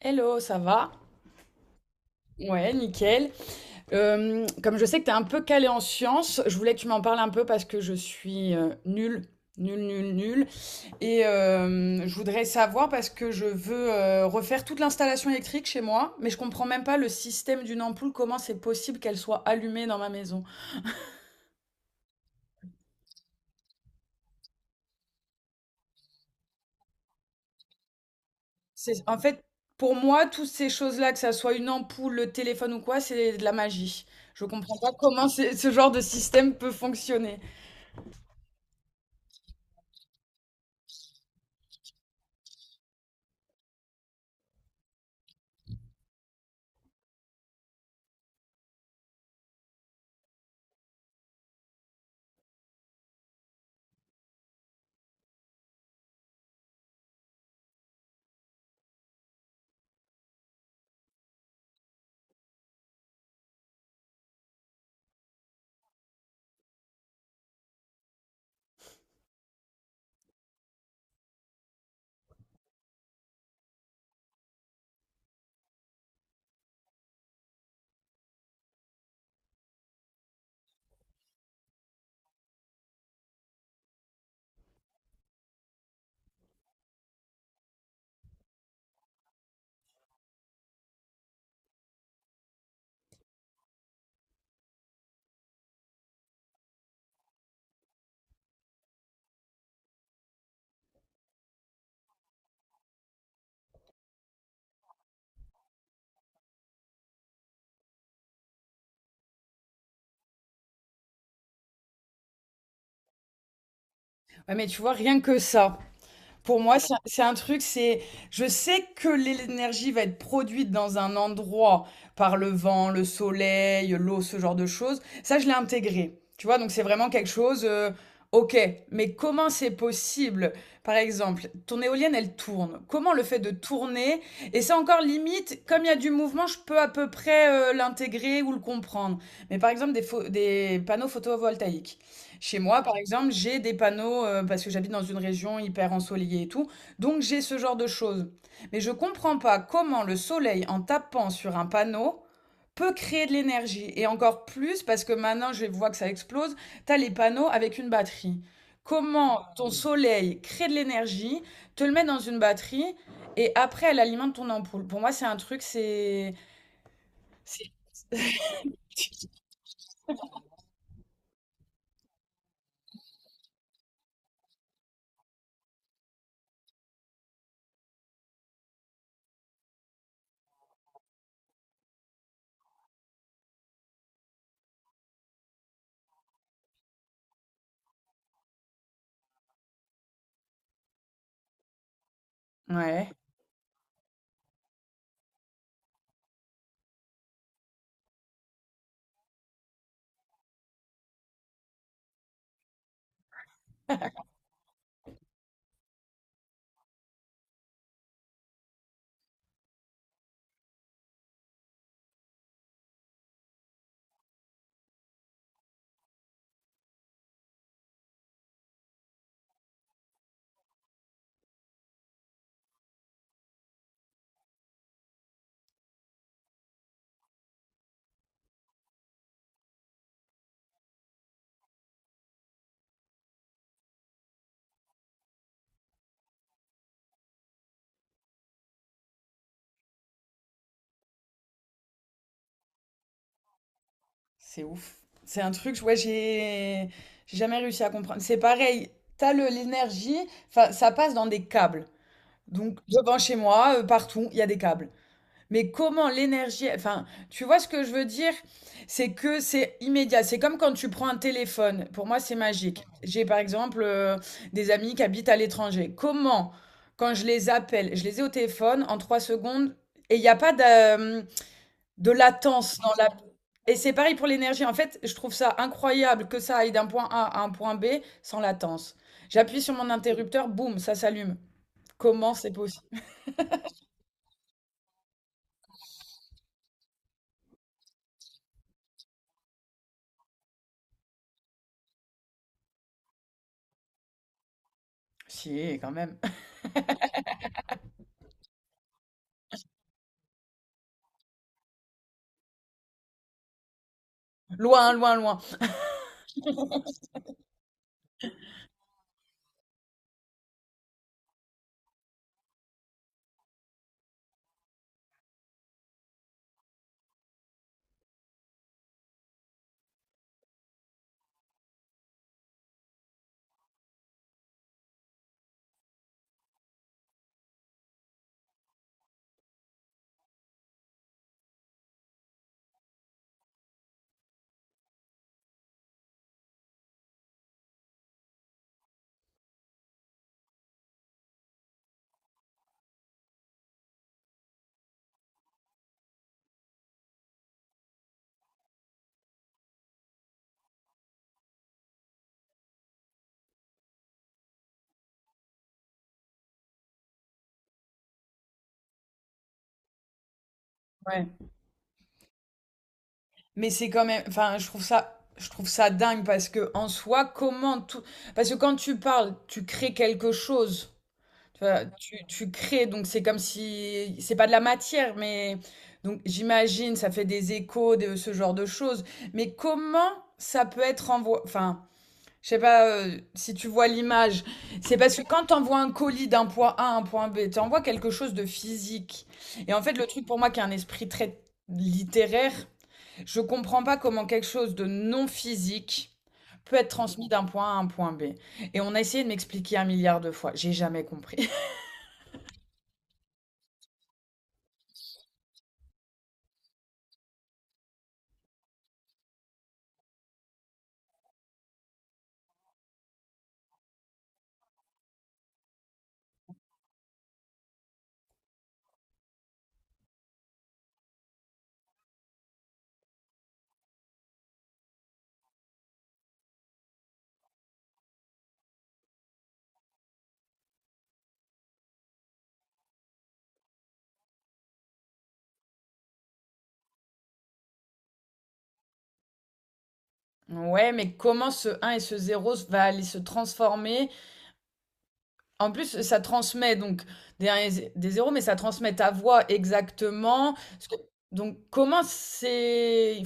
Hello, ça va? Ouais, nickel. Comme je sais que tu es un peu calé en sciences, je voulais que tu m'en parles un peu parce que je suis nulle, nulle, nulle, nulle. Et je voudrais savoir parce que je veux refaire toute l'installation électrique chez moi, mais je comprends même pas le système d'une ampoule, comment c'est possible qu'elle soit allumée dans ma maison. C'est, en fait, pour moi, toutes ces choses-là, que ça soit une ampoule, le téléphone ou quoi, c'est de la magie. Je comprends pas comment ce genre de système peut fonctionner. Ouais, mais tu vois, rien que ça. Pour moi, c'est un truc, c'est je sais que l'énergie va être produite dans un endroit par le vent, le soleil, l'eau, ce genre de choses. Ça, je l'ai intégré. Tu vois, donc c'est vraiment quelque chose, OK, mais comment c'est possible? Par exemple, ton éolienne, elle tourne. Comment le fait de tourner? Et ça encore limite, comme il y a du mouvement, je peux à peu près l'intégrer ou le comprendre. Mais par exemple, des panneaux photovoltaïques. Chez moi, par exemple, j'ai des panneaux parce que j'habite dans une région hyper ensoleillée et tout. Donc j'ai ce genre de choses. Mais je comprends pas comment le soleil, en tapant sur un panneau, peut créer de l'énergie. Et encore plus parce que maintenant, je vois que ça explose, t'as les panneaux avec une batterie. Comment ton soleil crée de l'énergie, te le met dans une batterie et après elle alimente ton ampoule. Pour moi, c'est un truc, c'est- Ouais. C'est ouf. C'est un truc, ouais, j'ai jamais réussi à comprendre. C'est pareil, t'as l'énergie, enfin, ça passe dans des câbles. Donc, devant chez moi, partout, il y a des câbles. Mais comment l'énergie, enfin, tu vois ce que je veux dire? C'est que c'est immédiat. C'est comme quand tu prends un téléphone. Pour moi, c'est magique. J'ai par exemple des amis qui habitent à l'étranger. Comment, quand je les appelle, je les ai au téléphone en 3 secondes et il n'y a pas de latence dans la et c'est pareil pour l'énergie. En fait, je trouve ça incroyable que ça aille d'un point A à un point B sans latence. J'appuie sur mon interrupteur, boum, ça s'allume. Comment c'est possible? Si, quand même. Loin, loin, loin. Ouais. Mais c'est quand même, enfin, je trouve ça dingue parce que en soi, comment tout, parce que quand tu parles, tu crées quelque chose. Tu vois, tu crées, donc c'est comme si, c'est pas de la matière, mais donc j'imagine, ça fait des échos de ce genre de choses. Mais comment ça peut être envoyé, enfin, je sais pas si tu vois l'image, c'est parce que quand tu envoies un colis d'un point A à un point B, tu envoies quelque chose de physique. Et en fait, le truc pour moi qui a un esprit très littéraire, je comprends pas comment quelque chose de non physique peut être transmis d'un point A à un point B. Et on a essayé de m'expliquer un milliard de fois, j'ai jamais compris. Ouais, mais comment ce 1 et ce 0 va aller se transformer? En plus, ça transmet donc des 1 et zé- des 0, mais ça transmet ta voix exactement. Parce que... Donc, comment c'est...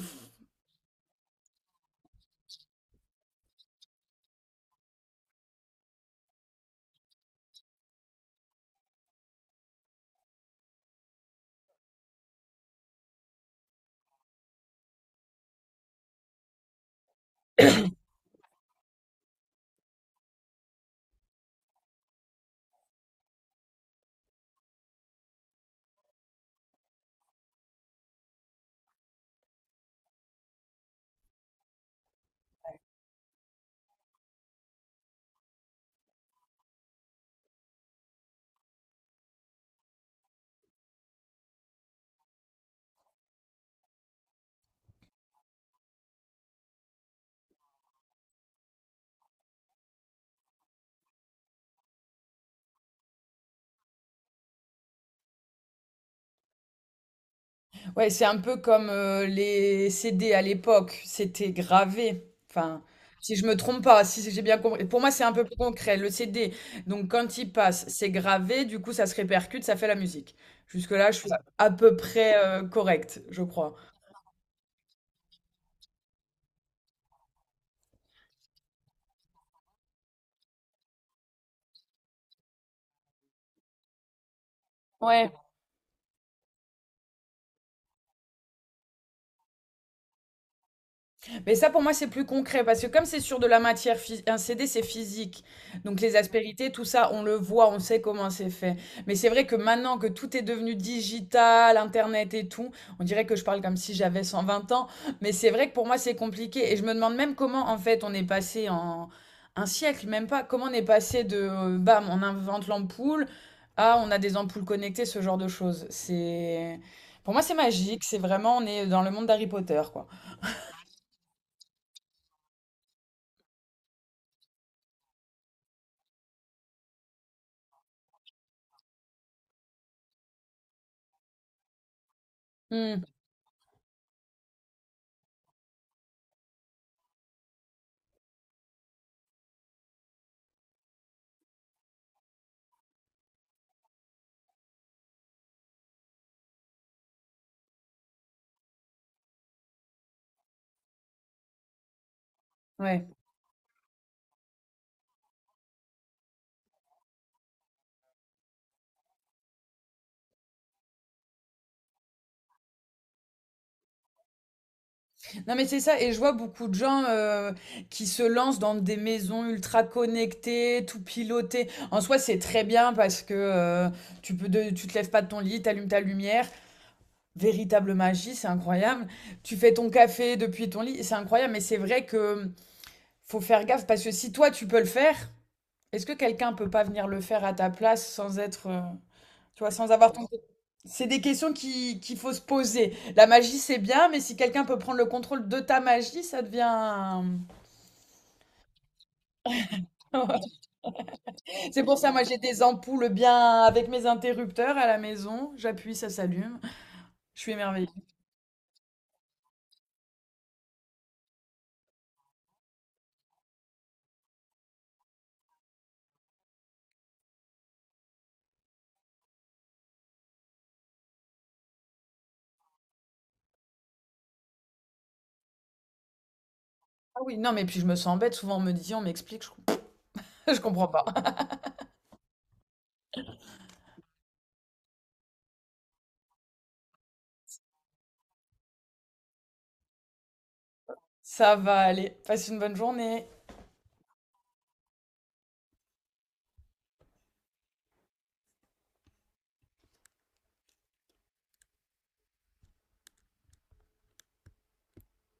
Ouais, c'est un peu comme les CD à l'époque. C'était gravé. Enfin, si je me trompe pas, si j'ai bien compris. Pour moi, c'est un peu plus concret. Le CD, donc quand il passe, c'est gravé. Du coup, ça se répercute, ça fait la musique. Jusque-là, je suis à peu près correcte, je crois. Ouais. Mais ça, pour moi, c'est plus concret parce que comme c'est sur de la matière, un CD, c'est physique. Donc les aspérités, tout ça, on le voit, on sait comment c'est fait. Mais c'est vrai que maintenant que tout est devenu digital, Internet et tout, on dirait que je parle comme si j'avais 120 ans. Mais c'est vrai que pour moi, c'est compliqué. Et je me demande même comment, en fait, on est passé en un siècle, même pas, comment on est passé de, bam, on invente l'ampoule, à on a des ampoules connectées, ce genre de choses. C'est... Pour moi, c'est magique. C'est vraiment, on est dans le monde d'Harry Potter, quoi. Hmm, ouais. Non mais c'est ça, et je vois beaucoup de gens qui se lancent dans des maisons ultra connectées, tout pilotées. En soi, c'est très bien parce que tu peux tu te lèves pas de ton lit, t'allumes ta lumière. Véritable magie, c'est incroyable. Tu fais ton café depuis ton lit, c'est incroyable. Mais c'est vrai que faut faire gaffe parce que si toi tu peux le faire, est-ce que quelqu'un peut pas venir le faire à ta place sans être... tu vois, sans avoir ton... C'est des questions qui, qu'il faut se poser. La magie, c'est bien, mais si quelqu'un peut prendre le contrôle de ta magie, ça devient... C'est pour ça, moi, j'ai des ampoules bien avec mes interrupteurs à la maison. J'appuie, ça s'allume. Je suis émerveillée. Ah oui, non, mais puis je me sens bête. Souvent, on me dit, on m'explique, je... je comprends pas. Ça va aller. Passe une bonne journée.